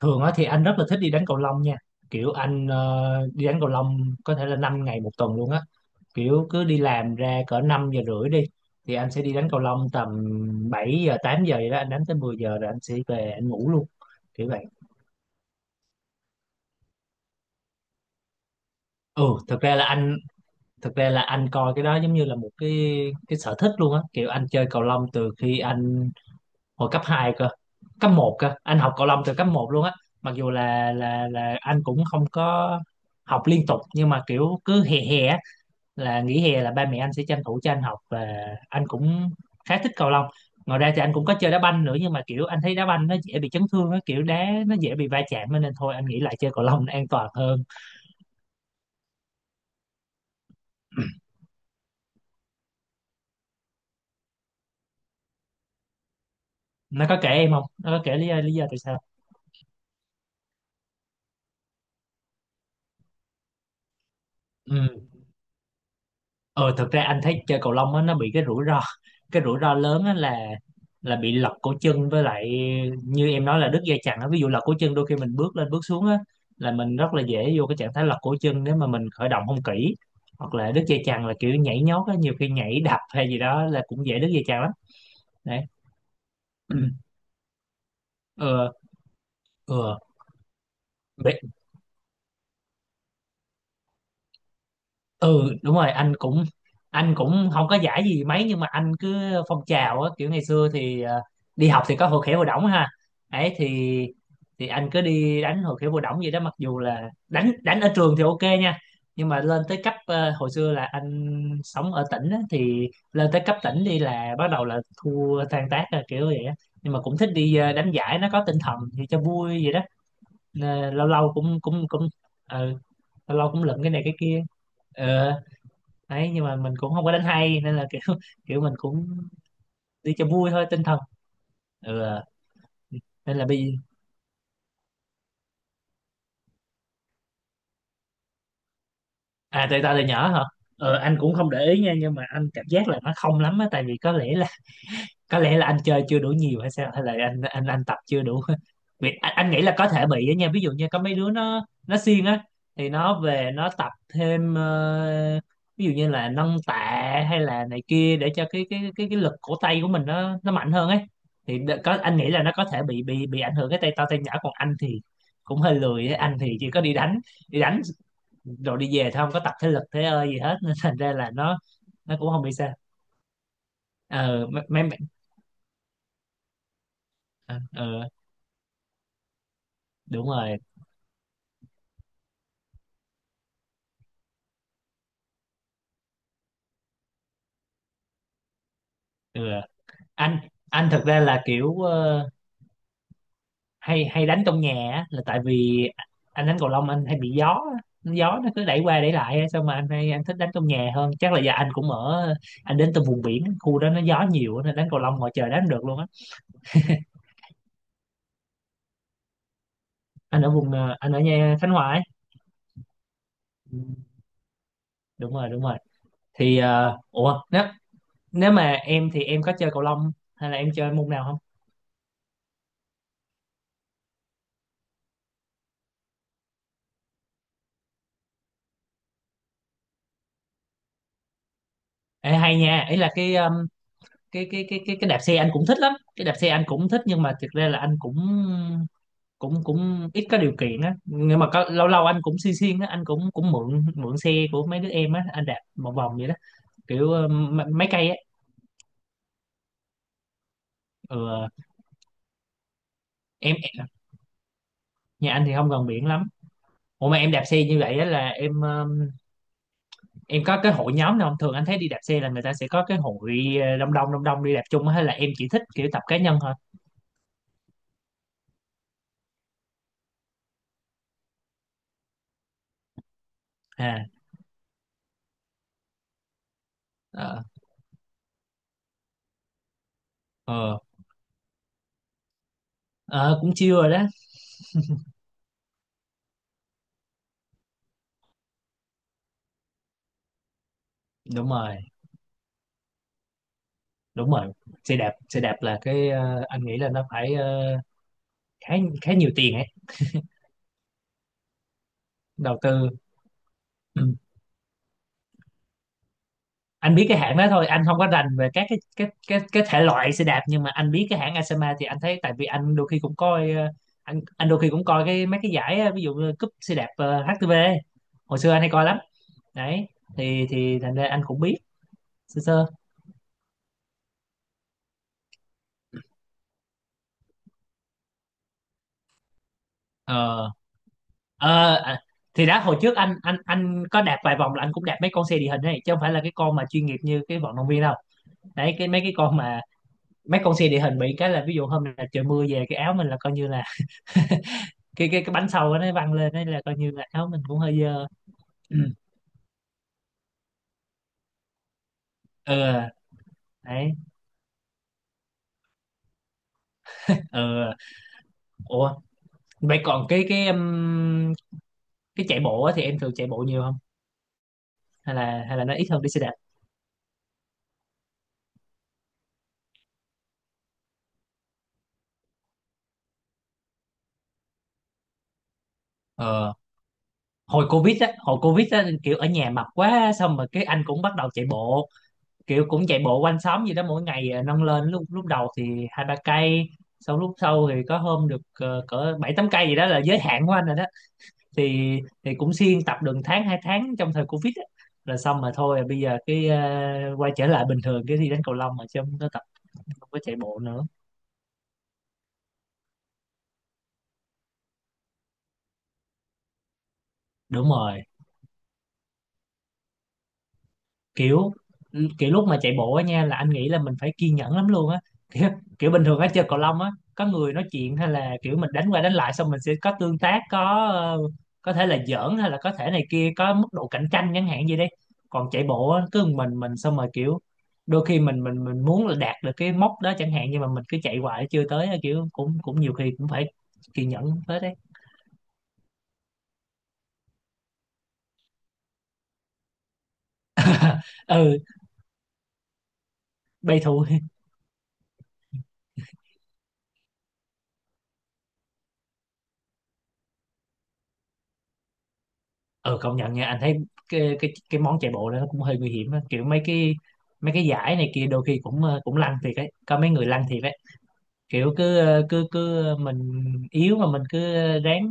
Thường á thì anh rất là thích đi đánh cầu lông nha. Kiểu anh đi đánh cầu lông có thể là 5 ngày một tuần luôn á. Kiểu cứ đi làm ra cỡ 5 giờ rưỡi đi, thì anh sẽ đi đánh cầu lông tầm 7 giờ 8 giờ vậy đó, anh đánh tới 10 giờ rồi anh sẽ về anh ngủ luôn, kiểu vậy. ừ thực ra là anh Thực ra là anh coi cái đó giống như là một cái sở thích luôn á. Kiểu anh chơi cầu lông từ khi anh hồi cấp 2 cơ, cấp 1 cơ, anh học cầu lông từ cấp 1 luôn á. Mặc dù là anh cũng không có học liên tục, nhưng mà kiểu cứ hè hè á, là nghỉ hè là ba mẹ anh sẽ tranh thủ cho anh học, và anh cũng khá thích cầu lông. Ngoài ra thì anh cũng có chơi đá banh nữa, nhưng mà kiểu anh thấy đá banh nó dễ bị chấn thương, nó kiểu đá nó dễ bị va chạm á, nên thôi anh nghĩ lại chơi cầu lông nó an toàn hơn. Nó có kể em không, nó có kể lý do tại sao? Ờ thật ra anh thấy chơi cầu lông á nó bị cái rủi ro, cái rủi ro lớn á là bị lật cổ chân, với lại như em nói là đứt dây chằng á. Ví dụ lật cổ chân, đôi khi mình bước lên bước xuống á là mình rất là dễ vô cái trạng thái lật cổ chân nếu mà mình khởi động không kỹ. Hoặc là đứt dây chằng là kiểu nhảy nhót á, nhiều khi nhảy đập hay gì đó là cũng dễ đứt dây chằng lắm. Đấy. Ừ. Ừ. Ừ. Ừ, đúng rồi, anh cũng không có giải gì mấy, nhưng mà anh cứ phong trào á. Kiểu ngày xưa thì đi học thì có hội khỏe hội đỏng ha, ấy thì anh cứ đi đánh hội khỏe hội đỏng vậy đó. Mặc dù là đánh đánh ở trường thì ok nha, nhưng mà lên tới cấp hồi xưa là anh sống ở tỉnh á, thì lên tới cấp tỉnh đi là bắt đầu là thua tan tác rồi, kiểu vậy á. Nhưng mà cũng thích đi đánh giải, nó có tinh thần thì cho vui vậy đó. Nên lâu lâu cũng cũng cũng ờ, lâu lâu cũng lượm cái này cái kia. Ờ, đấy, nhưng mà mình cũng không có đánh hay nên là kiểu kiểu mình cũng đi cho vui thôi, tinh thần. Ừ. À. Nên là bây... À, tại tao là nhỏ hả? Ờ, anh cũng không để ý nha, nhưng mà anh cảm giác là nó không lắm á, tại vì có lẽ là anh chơi chưa đủ nhiều hay sao, hay là anh tập chưa đủ Vì anh nghĩ là có thể bị á nha, ví dụ như có mấy đứa nó siêng á thì nó về nó tập thêm ví dụ như là nâng tạ hay là này kia, để cho cái lực cổ tay của mình nó mạnh hơn ấy. Thì có, anh nghĩ là nó có thể bị ảnh hưởng cái tay to tay nhỏ, còn anh thì cũng hơi lười ấy. Anh thì chỉ có đi đánh rồi đi về thôi, không có tập thể lực thế ơi gì hết nên thành ra là nó cũng không bị sao. Ờ mấy mấy ờ ờ, Đúng rồi. Ừ. Anh anh thực ra là kiểu hay hay đánh trong nhà á, là tại vì anh đánh cầu lông anh hay bị gió á. Gió nó cứ đẩy qua đẩy lại á, sao mà anh hay anh thích đánh trong nhà hơn. Chắc là do anh cũng ở, anh đến từ vùng biển, khu đó nó gió nhiều á, nên đánh cầu lông ngoài trời đánh không được luôn á. Anh ở vùng anh ở nhà Khánh Hòa ấy. Ừ, đúng rồi, đúng rồi. Thì ủa, nếu nếu mà em thì em có chơi cầu lông hay là em chơi môn nào không? Ê, hay nha, ý là cái cái đạp xe anh cũng thích lắm, cái đạp xe anh cũng thích, nhưng mà thực ra là anh cũng cũng cũng ít có điều kiện á, nhưng mà có, lâu lâu anh cũng xuyên xuyên á, anh cũng cũng mượn mượn xe của mấy đứa em á, anh đạp một vòng vậy đó. Kiểu mấy cây á. Ừ, em em- nhà anh thì không gần biển lắm. Ủa mà em đạp xe như vậy á, là em em có cái hội nhóm nào không? Thường anh thấy đi đạp xe là người ta sẽ có cái hội đông đông đông đông đi đạp chung á, hay là em chỉ thích kiểu tập cá nhân thôi? À. Ờ. Ờ. Ờ, cũng chill rồi đó. Đúng rồi, đúng rồi, xe đạp là cái anh nghĩ là nó phải khá khá nhiều tiền ấy, đầu tư. Ừ. Anh biết cái hãng đó thôi, anh không có rành về các cái thể loại xe đạp, nhưng mà anh biết cái hãng Asama thì anh thấy, tại vì anh đôi khi cũng coi anh đôi khi cũng coi cái mấy cái giải ví dụ như cúp xe đạp HTV ấy. Hồi xưa anh hay coi lắm, đấy, thì thành ra anh cũng biết sơ sơ. Ờ. Ờ. À, thì đó, hồi trước anh có đạp vài vòng, là anh cũng đạp mấy con xe địa hình này chứ không phải là cái con mà chuyên nghiệp như cái vận động viên đâu. Đấy, cái mấy cái con mà mấy con xe địa hình bị cái là, ví dụ hôm nào trời mưa về, cái áo mình là coi như là cái bánh sau nó văng lên, đấy là coi như là áo mình cũng hơi dơ. Ừ. Ừ. Đấy. Ừ. Ủa, vậy còn cái chạy bộ á, thì em thường chạy bộ nhiều không, hay là nó ít hơn đi xe đạp? Ờ, hồi covid á, kiểu ở nhà mập quá xong rồi cái anh cũng bắt đầu chạy bộ, kiểu cũng chạy bộ quanh xóm gì đó mỗi ngày à, nâng lên, lúc lúc đầu thì 2 3 cây, sau lúc sau thì có hôm được cỡ 7 8 cây gì đó là giới hạn của anh rồi đó. Thì cũng siêng tập được tháng 2 tháng trong thời Covid á. Rồi xong mà thôi, bây giờ cái quay trở lại bình thường cái thi đánh cầu lông mà, chứ không có tập, không có chạy bộ nữa. Đúng rồi, kiểu kiểu lúc mà chạy bộ á nha, là anh nghĩ là mình phải kiên nhẫn lắm luôn á, kiểu, kiểu bình thường á chơi cầu lông á có người nói chuyện, hay là kiểu mình đánh qua đánh lại xong mình sẽ có tương tác, có có thể là giỡn hay là có thể này kia, có mức độ cạnh tranh chẳng hạn gì đấy. Còn chạy bộ á cứ một mình xong rồi kiểu, đôi khi mình muốn là đạt được cái mốc đó chẳng hạn, nhưng mà mình cứ chạy hoài chưa tới á, kiểu cũng cũng nhiều khi cũng phải kiên nhẫn tới đấy. Ừ. Bay thù. Ừ, công nhận nha, anh thấy cái món chạy bộ đó nó cũng hơi nguy hiểm á. Kiểu mấy cái giải này kia đôi khi cũng cũng lăn thiệt ấy, có mấy người lăn thiệt ấy. Kiểu cứ cứ cứ mình yếu mà mình cứ ráng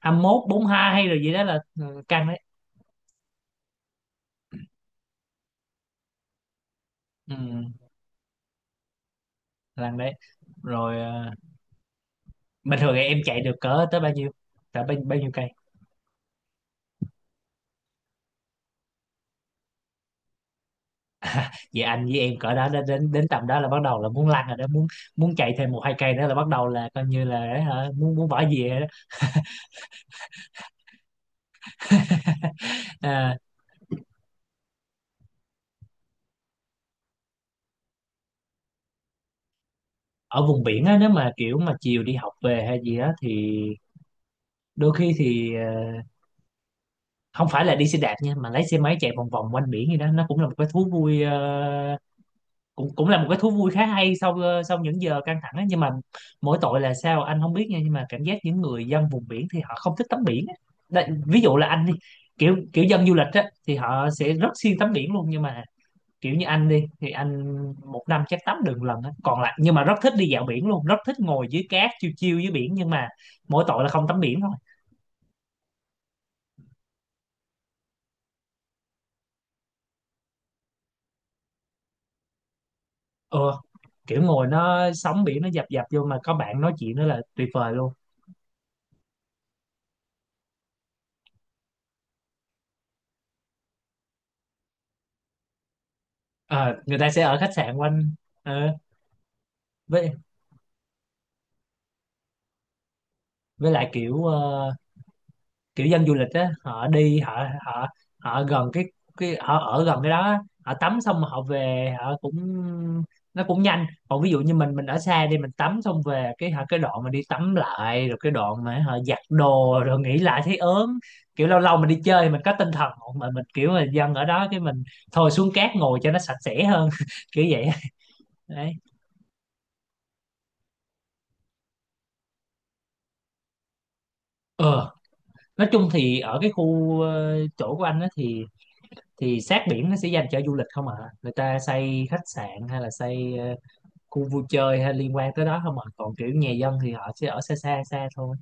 21 42 hay rồi gì đó là căng đấy. Ừ, lăn đấy rồi. Ờ, Bình thường thì em chạy được cỡ tới bao nhiêu, bao nhiêu cây? Vậy anh với em cỡ đó đến đến đến tầm đó là bắt đầu là muốn lăn rồi đó, muốn muốn chạy thêm một hai cây nữa là bắt đầu là coi như là hả, muốn muốn bỏ về rồi đó. Ở vùng biển á, nếu mà kiểu mà chiều đi học về hay gì á thì đôi khi thì không phải là đi xe đạp nha, mà lấy xe máy chạy vòng vòng quanh biển gì đó, nó cũng là một cái thú vui. Ờ, cũng cũng là một cái thú vui khá hay sau sau những giờ căng thẳng á. Nhưng mà mỗi tội là sao anh không biết nha, nhưng mà cảm giác những người dân vùng biển thì họ không thích tắm biển á. Đây, ví dụ là anh đi, kiểu kiểu dân du lịch á thì họ sẽ rất siêng tắm biển luôn, nhưng mà kiểu như anh đi thì anh một năm chắc tắm được một lần á, còn lại nhưng mà rất thích đi dạo biển luôn, rất thích ngồi dưới cát chiêu chiêu dưới biển, nhưng mà mỗi tội là không tắm biển thôi. Ờ, kiểu ngồi nó, sóng biển nó dập dập vô mà có bạn nói chuyện nữa là tuyệt vời luôn. Ờ, người ta sẽ ở khách sạn quanh ờ, với với lại kiểu kiểu dân du lịch á họ đi, họ họ họ gần cái họ ở gần cái đó á, họ tắm xong họ về họ cũng, nó cũng nhanh. Còn ví dụ như mình ở xa đi, mình tắm xong về cái hả, cái đoạn mà đi tắm lại rồi cái đoạn mà họ giặt đồ rồi nghỉ lại thấy ớn. Kiểu lâu lâu mình đi chơi mình có tinh thần, mà mình kiểu là dân ở đó cái mình thôi xuống cát ngồi cho nó sạch sẽ hơn kiểu vậy á. Đấy. Ờ, nói chung thì ở cái khu chỗ của anh á thì sát biển nó sẽ dành cho du lịch không ạ, người ta xây khách sạn hay là xây khu vui chơi hay liên quan tới đó không ạ, còn kiểu nhà dân thì họ sẽ ở xa xa xa thôi.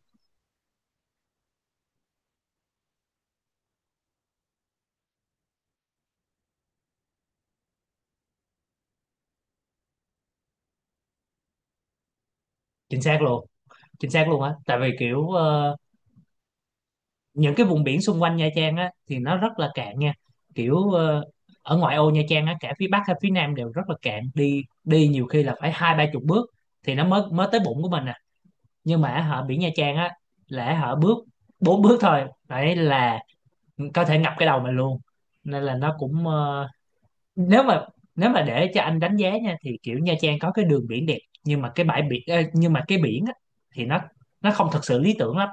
Chính xác luôn, chính xác luôn á. Tại vì kiểu những cái vùng biển xung quanh Nha Trang á thì nó rất là cạn nha, kiểu ở ngoại ô Nha Trang á cả phía Bắc hay phía Nam đều rất là cạn, đi đi nhiều khi là phải hai ba chục bước thì nó mới mới tới bụng của mình à. Nhưng mà họ biển Nha Trang á là họ bước bốn bước thôi, đấy là có thể ngập cái đầu mình luôn. Nên là nó cũng nếu mà nếu mà để cho anh đánh giá nha thì kiểu Nha Trang có cái đường biển đẹp, nhưng mà cái bãi biển nhưng mà cái biển á, thì nó không thật sự lý tưởng lắm.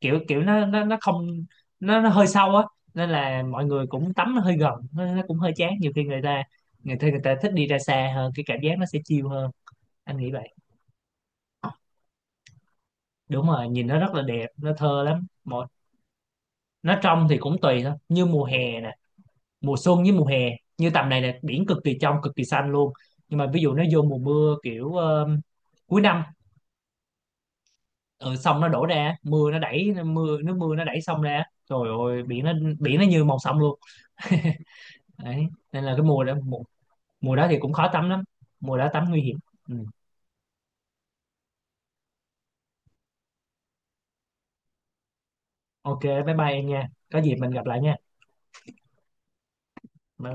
Kiểu kiểu nó không, nó hơi sâu á, nên là mọi người cũng tắm nó hơi gần, nó cũng hơi chán. Nhiều khi người ta, người ta thích đi ra xa hơn, cái cảm giác nó sẽ chill hơn, anh nghĩ vậy. Đúng rồi, nhìn nó rất là đẹp, nó thơ lắm một. Nó trong thì cũng tùy thôi, như mùa hè, mùa xuân với mùa hè, như tầm này là biển cực kỳ trong, cực kỳ xanh luôn. Nhưng mà ví dụ nó vô mùa mưa, kiểu cuối năm, ở sông nó đổ ra, mưa nó đẩy, nước mưa nó đẩy sông ra, trời ơi biển nó, biển nó như màu sông luôn. Đấy nên là cái mùa đó, mùa đó thì cũng khó tắm lắm, mùa đó tắm nguy hiểm. Ừ. Ok, bye bye em nha, có dịp mình gặp lại nha. Bye bye.